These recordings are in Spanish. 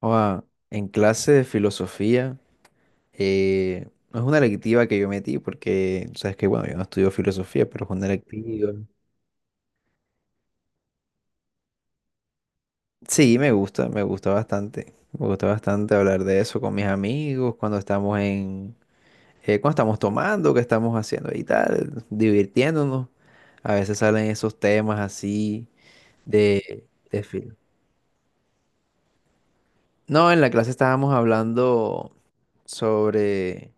Oa, en clase de filosofía, eh, no es una electiva que yo metí porque, sabes que, bueno, yo no estudio filosofía, pero es una electiva. Sí, me gusta bastante. Me gusta bastante hablar de eso con mis amigos cuando estamos en, cuando estamos tomando, que estamos haciendo y tal, divirtiéndonos. A veces salen esos temas así de, de filo. No, en la clase estábamos hablando sobre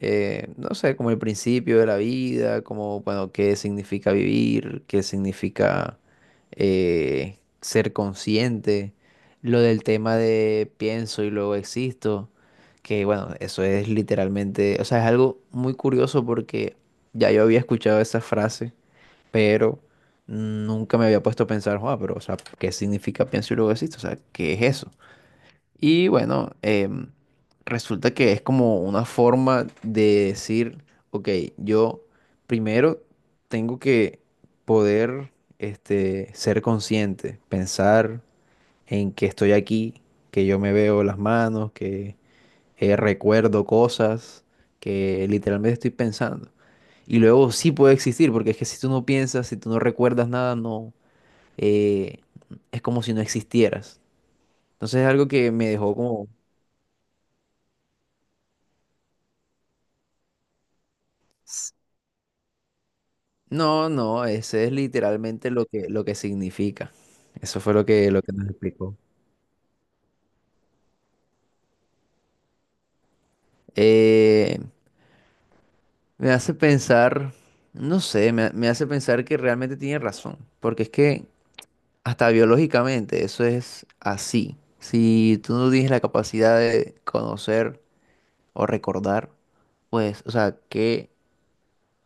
no sé, como el principio de la vida, como, bueno, qué significa vivir, qué significa ser consciente, lo del tema de pienso y luego existo, que bueno, eso es literalmente, o sea, es algo muy curioso porque ya yo había escuchado esa frase, pero nunca me había puesto a pensar, "Joa, pero, o sea, ¿qué significa pienso y luego existo? O sea, ¿qué es eso?" Y bueno, resulta que es como una forma de decir, ok, yo primero tengo que poder ser consciente, pensar en que estoy aquí, que yo me veo las manos, que recuerdo cosas, que literalmente estoy pensando. Y luego sí puede existir, porque es que si tú no piensas, si tú no recuerdas nada, no, eh, es como si no existieras. Entonces es algo que me dejó como... No, no, ese es literalmente lo que significa. Eso fue lo que nos explicó. Eh, me hace pensar, no sé, me hace pensar que realmente tiene razón, porque es que hasta biológicamente eso es así. Si tú no tienes la capacidad de conocer o recordar, pues, o sea,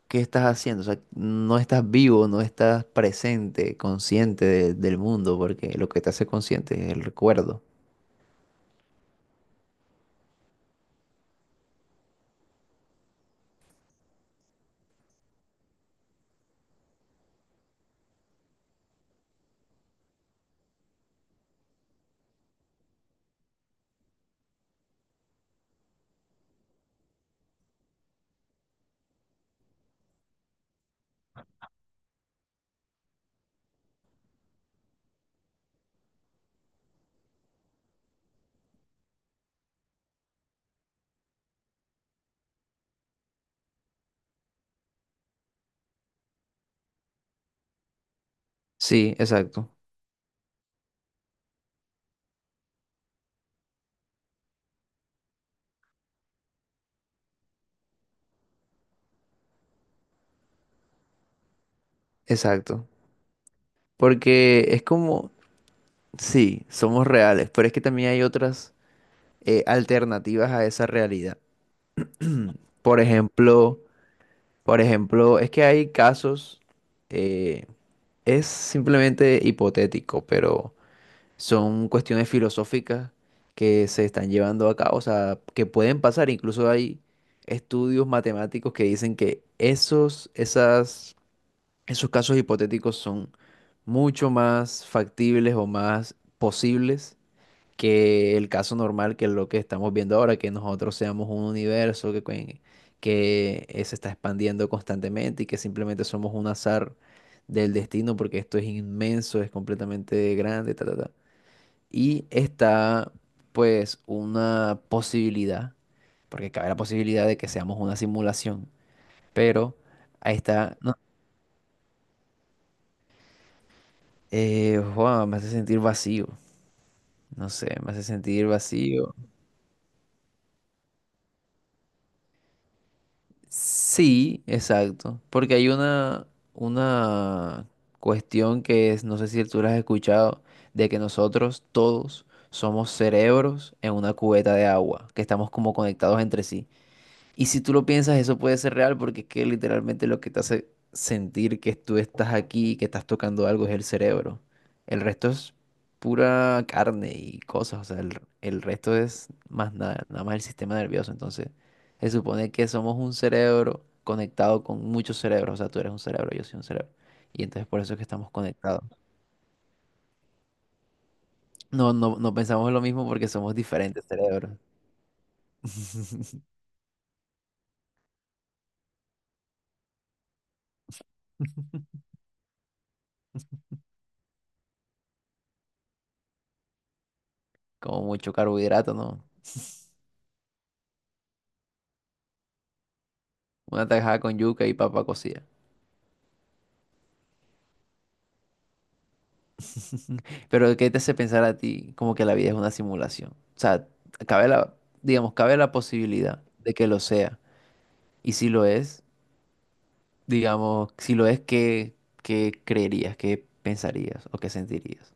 ¿qué estás haciendo? O sea, no estás vivo, no estás presente, consciente del mundo, porque lo que te hace consciente es el recuerdo. Sí, exacto, exacto. Porque es como, sí, somos reales, pero es que también hay otras alternativas a esa realidad. Por ejemplo, por ejemplo, es que hay casos, eh, es simplemente hipotético, pero son cuestiones filosóficas que se están llevando a cabo, o sea, que pueden pasar. Incluso hay estudios matemáticos que dicen que esos casos hipotéticos son mucho más factibles o más posibles que el caso normal, que es lo que estamos viendo ahora, que nosotros seamos un universo que se está expandiendo constantemente y que simplemente somos un azar del destino, porque esto es inmenso, es completamente grande, ta, ta, ta. Y está, pues, una posibilidad, porque cabe la posibilidad de que seamos una simulación, pero ahí está. Wow, me hace sentir vacío. No sé, me hace sentir vacío. Sí, exacto. Porque hay una cuestión que es, no sé si tú la has escuchado, de que nosotros todos somos cerebros en una cubeta de agua, que estamos como conectados entre sí. Y si tú lo piensas, eso puede ser real porque es que literalmente lo que te hace sentir que tú estás aquí y que estás tocando algo es el cerebro. El resto es pura carne y cosas, o sea, el resto es más nada, nada más el sistema nervioso. Entonces, se supone que somos un cerebro conectado con muchos cerebros, o sea, tú eres un cerebro, yo soy un cerebro. Y entonces por eso es que estamos conectados. No, no, no pensamos lo mismo porque somos diferentes cerebros. Como mucho carbohidrato, ¿no? Una tajada con yuca y papa cocida. Pero ¿qué te hace pensar a ti como que la vida es una simulación? O sea, cabe la, digamos, cabe la posibilidad de que lo sea. Y si lo es, digamos, si lo es, ¿qué creerías? ¿Qué pensarías o qué sentirías?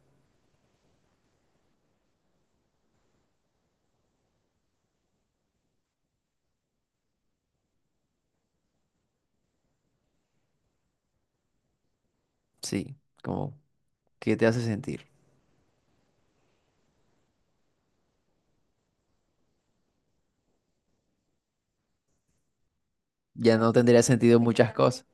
Sí, como, ¿qué te hace sentir? Ya no tendría sentido muchas cosas.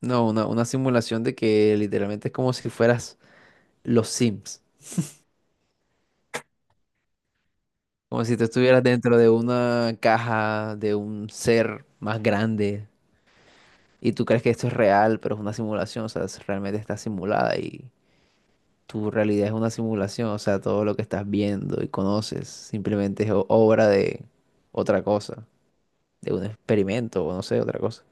No, una simulación de que literalmente es como si fueras los Sims. Como si tú estuvieras dentro de una caja de un ser más grande. Y tú crees que esto es real, pero es una simulación, o sea, realmente está simulada y tu realidad es una simulación, o sea, todo lo que estás viendo y conoces simplemente es obra de otra cosa, de un experimento o no sé, otra cosa.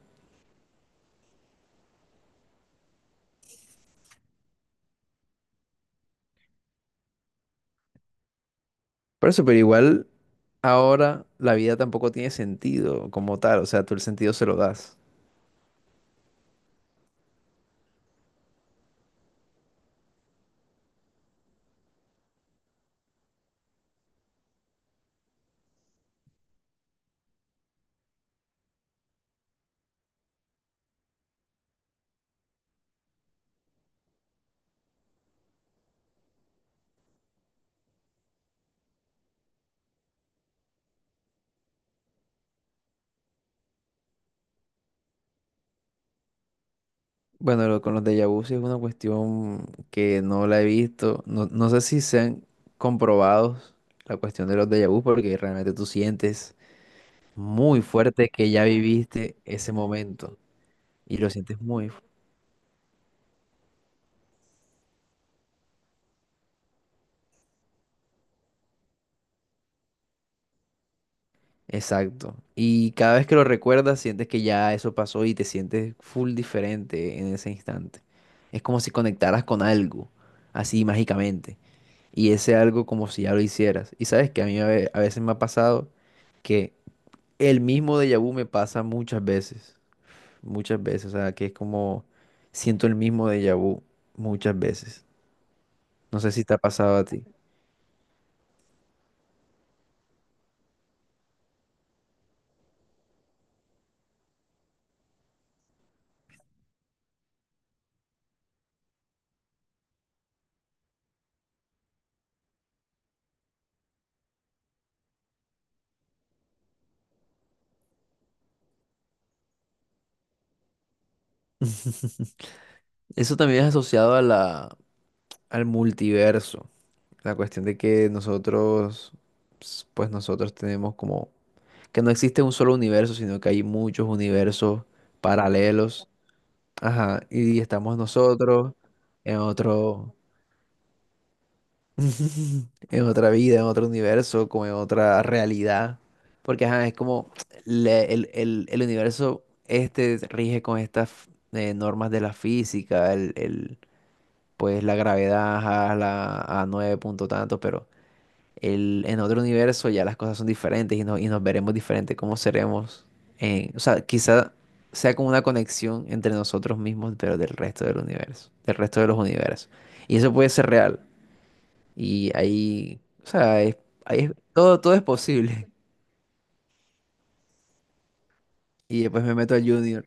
Por eso, pero igual ahora la vida tampoco tiene sentido como tal, o sea, tú el sentido se lo das. Bueno, con los déjà vu sí es una cuestión que no la he visto, no, no sé si se han comprobado la cuestión de los déjà vu porque realmente tú sientes muy fuerte que ya viviste ese momento y lo sientes exacto. Y cada vez que lo recuerdas, sientes que ya eso pasó y te sientes full diferente en ese instante. Es como si conectaras con algo, así mágicamente. Y ese algo como si ya lo hicieras. Y sabes que a mí a veces me ha pasado que el mismo déjà vu me pasa muchas veces. Muchas veces. O sea, que es como siento el mismo déjà vu muchas veces. No sé si te ha pasado a ti. Eso también es asociado a la, al multiverso. La cuestión de que nosotros, pues nosotros tenemos como que no existe un solo universo, sino que hay muchos universos paralelos. Ajá, y estamos nosotros en otro, en otra vida, en otro universo, como en otra realidad. Porque ajá, es como el universo este rige con estas normas de la física, pues la gravedad a la a nueve punto tanto, pero el, en otro universo ya las cosas son diferentes y, y nos veremos diferentes, cómo seremos. O sea, quizá sea como una conexión entre nosotros mismos, pero del resto del universo, del resto de los universos. Y eso puede ser real. Y ahí, o sea, todo, todo es posible. Y después me meto al Junior.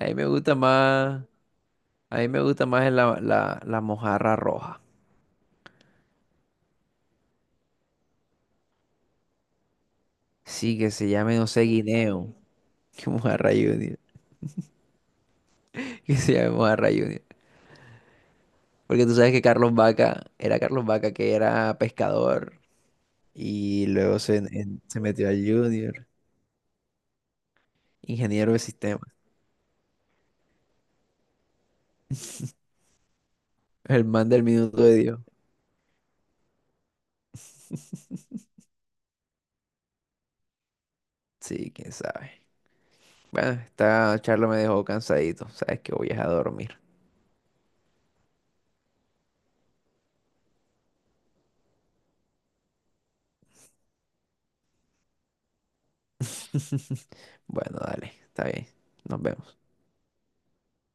A mí me gusta más, a mí me gusta más la, la, la mojarra roja. Sí, que se llame, no sé, guineo. Qué mojarra Junior. Que se llame Mojarra Junior. Porque tú sabes que Carlos Vaca era Carlos Vaca que era pescador y luego se metió al Junior, ingeniero de sistemas, el man del minuto de Dios. Sí, quién sabe. Bueno, esta charla me dejó cansadito, sabes que voy a dormir. Bueno, dale, está bien, nos vemos.